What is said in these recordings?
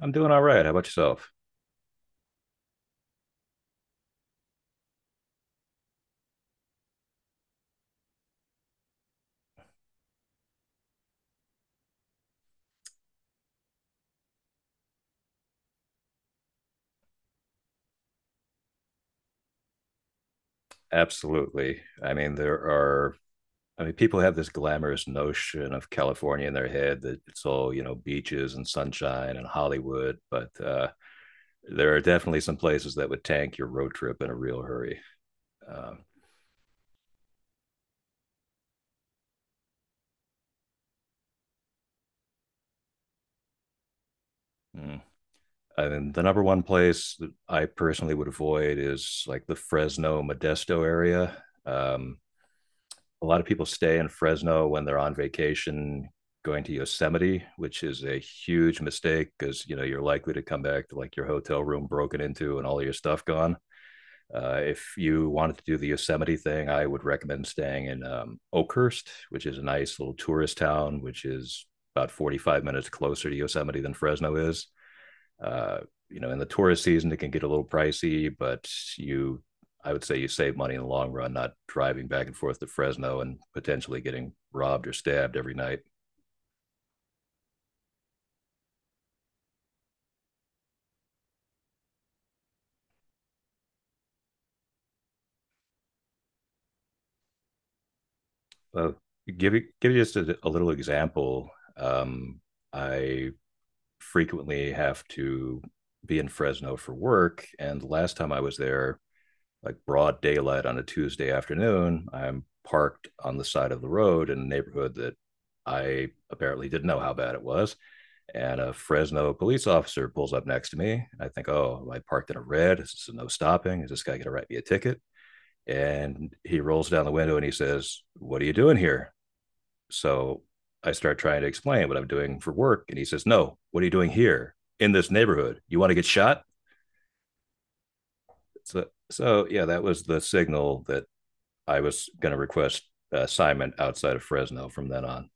I'm doing all right. How about yourself? Absolutely. I mean, there are, I mean, people have this glamorous notion of California in their head that it's all, you know, beaches and sunshine and Hollywood, but there are definitely some places that would tank your road trip in a real hurry. Um, mm. I mean, the number one place that I personally would avoid is like the Fresno Modesto area. A lot of people stay in Fresno when they're on vacation going to Yosemite, which is a huge mistake because you know you're likely to come back to like your hotel room broken into and all your stuff gone. If you wanted to do the Yosemite thing, I would recommend staying in Oakhurst, which is a nice little tourist town, which is about 45 minutes closer to Yosemite than Fresno is. Uh, you know, in the tourist season, it can get a little pricey, but you, I would say you save money in the long run, not driving back and forth to Fresno and potentially getting robbed or stabbed every night. Uh, Give you just a little example. Um, I frequently have to be in Fresno for work. And the last time I was there, like broad daylight on a Tuesday afternoon, I'm parked on the side of the road in a neighborhood that I apparently didn't know how bad it was. And a Fresno police officer pulls up next to me. I think, oh, I parked in a red. This is no stopping. Is this guy going to write me a ticket? And he rolls down the window and he says, "What are you doing here?" So I start trying to explain what I'm doing for work. And he says, "No, what are you doing here in this neighborhood? You want to get shot?" So yeah, that was the signal that I was going to request assignment outside of Fresno from then on.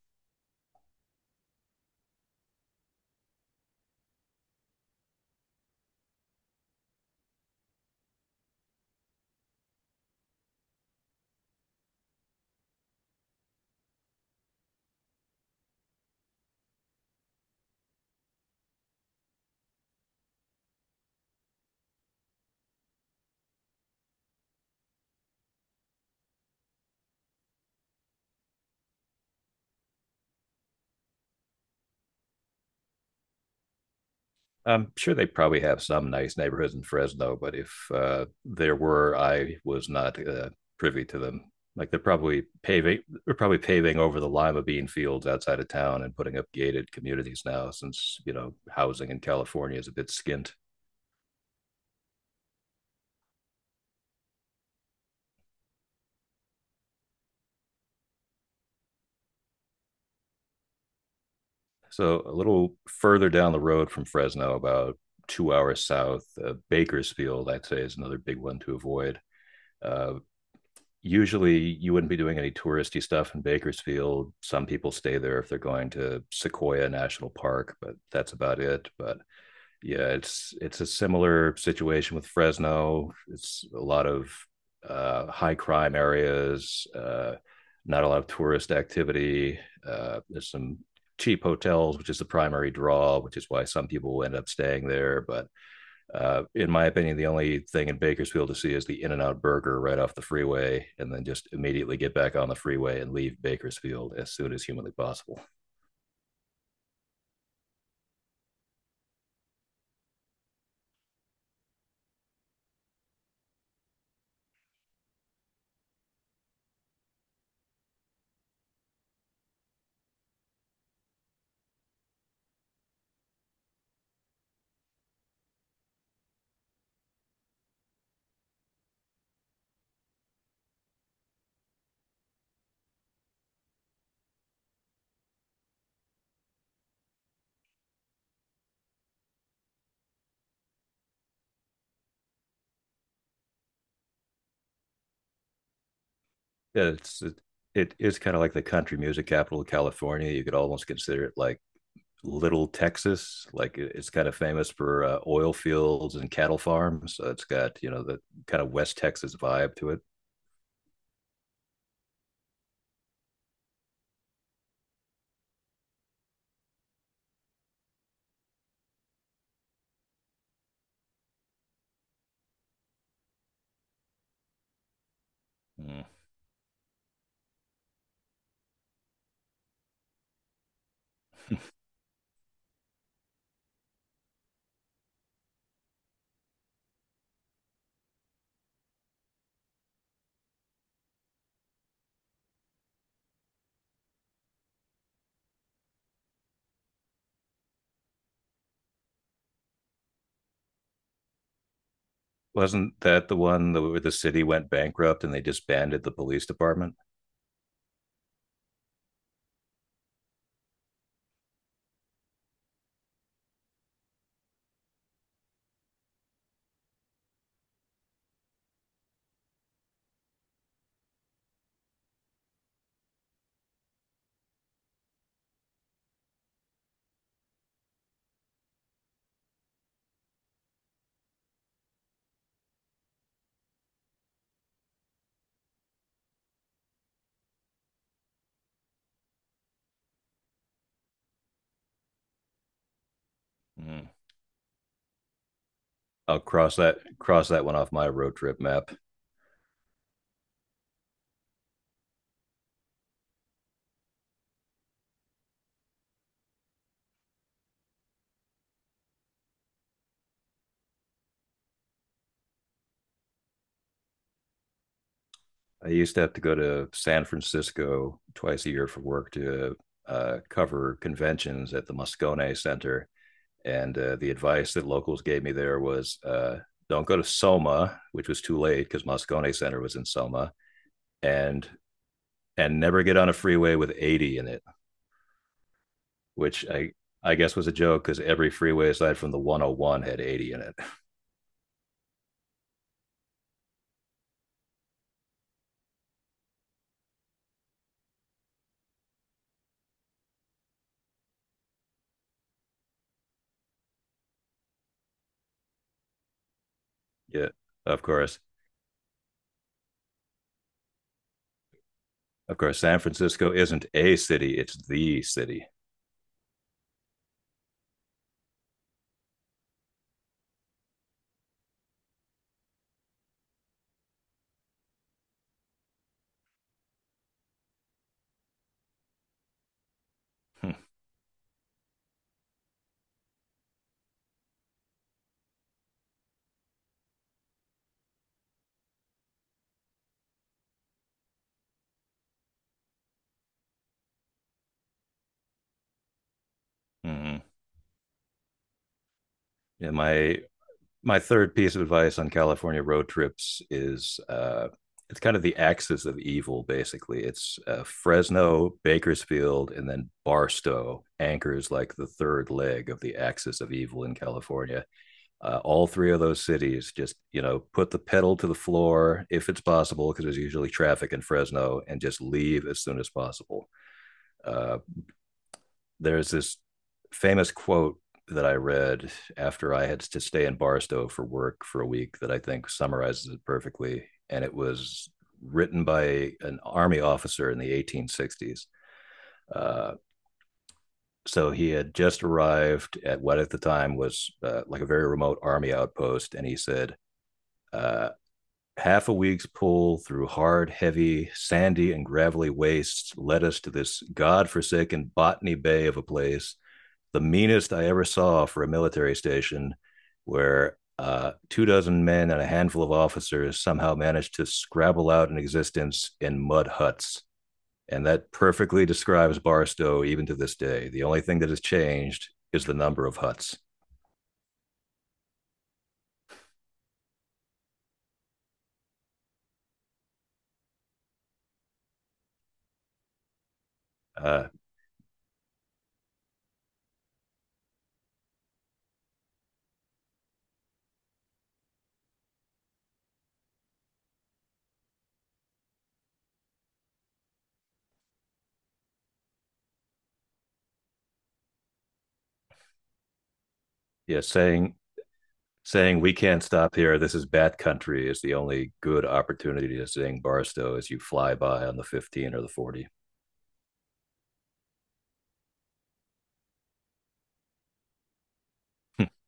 I'm sure they probably have some nice neighborhoods in Fresno, but if there were, I was not privy to them. Like they're probably paving over the lima bean fields outside of town and putting up gated communities now, since you know housing in California is a bit skint. So a little further down the road from Fresno, about 2 hours south, Bakersfield, I'd say, is another big one to avoid. Uh, Usually you wouldn't be doing any touristy stuff in Bakersfield. Some people stay there if they're going to Sequoia National Park, but that's about it. But yeah, it's a similar situation with Fresno. It's a lot of high crime areas, not a lot of tourist activity. There's some cheap hotels, which is the primary draw, which is why some people end up staying there. But in my opinion, the only thing in Bakersfield to see is the In n Out Burger right off the freeway, and then just immediately get back on the freeway and leave Bakersfield as soon as humanly possible. Yeah, it's it, it is kind of like the country music capital of California. You could almost consider it like Little Texas. Like it's kind of famous for oil fields and cattle farms. So it's got, you know, the kind of West Texas vibe to it. Mm. Wasn't that the one that- where the city went bankrupt and they disbanded the police department? Mm. I'll cross that one off my road trip map. I used to have to go to San Francisco twice a year for work to cover conventions at the Moscone Center, and the advice that locals gave me there was don't go to Soma, which was too late because Moscone Center was in Soma, and and never get on a freeway with 80 in it, which I guess was a joke because every freeway aside from the 101 had 80 in it. Yeah, of course. Of course, San Francisco isn't a city, it's the city. Hmm. Mhm. Yeah, my my third piece of advice on California road trips is it's kind of the axis of evil, basically. It's Fresno, Bakersfield, and then Barstow anchors like the third leg of the axis of evil in California. All three of those cities just, you know, put the pedal to the floor if it's possible, because there's usually traffic in Fresno, and just leave as soon as possible. Uh, there's this famous quote that I read after I had to stay in Barstow for work for a week that I think summarizes it perfectly. And it was written by an army officer in the 1860s. Uh, so he had just arrived at what at the time was like a very remote army outpost. And he said, uh, "Half a week's pull through hard, heavy, sandy, and gravelly wastes led us to this god-forsaken Botany Bay of a place, the meanest I ever saw for a military station, where two dozen men and a handful of officers somehow managed to scrabble out an existence in mud huts." And that perfectly describes Barstow even to this day. The only thing that has changed is the number of huts. Uh, yeah, saying Saying, "We can't stop here. This is bat country" is the only good opportunity to sing Barstow as you fly by on the 15 or the 40.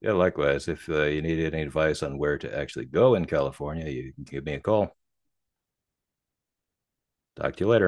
Yeah, likewise. If you need any advice on where to actually go in California, you can give me a call. Talk to you later.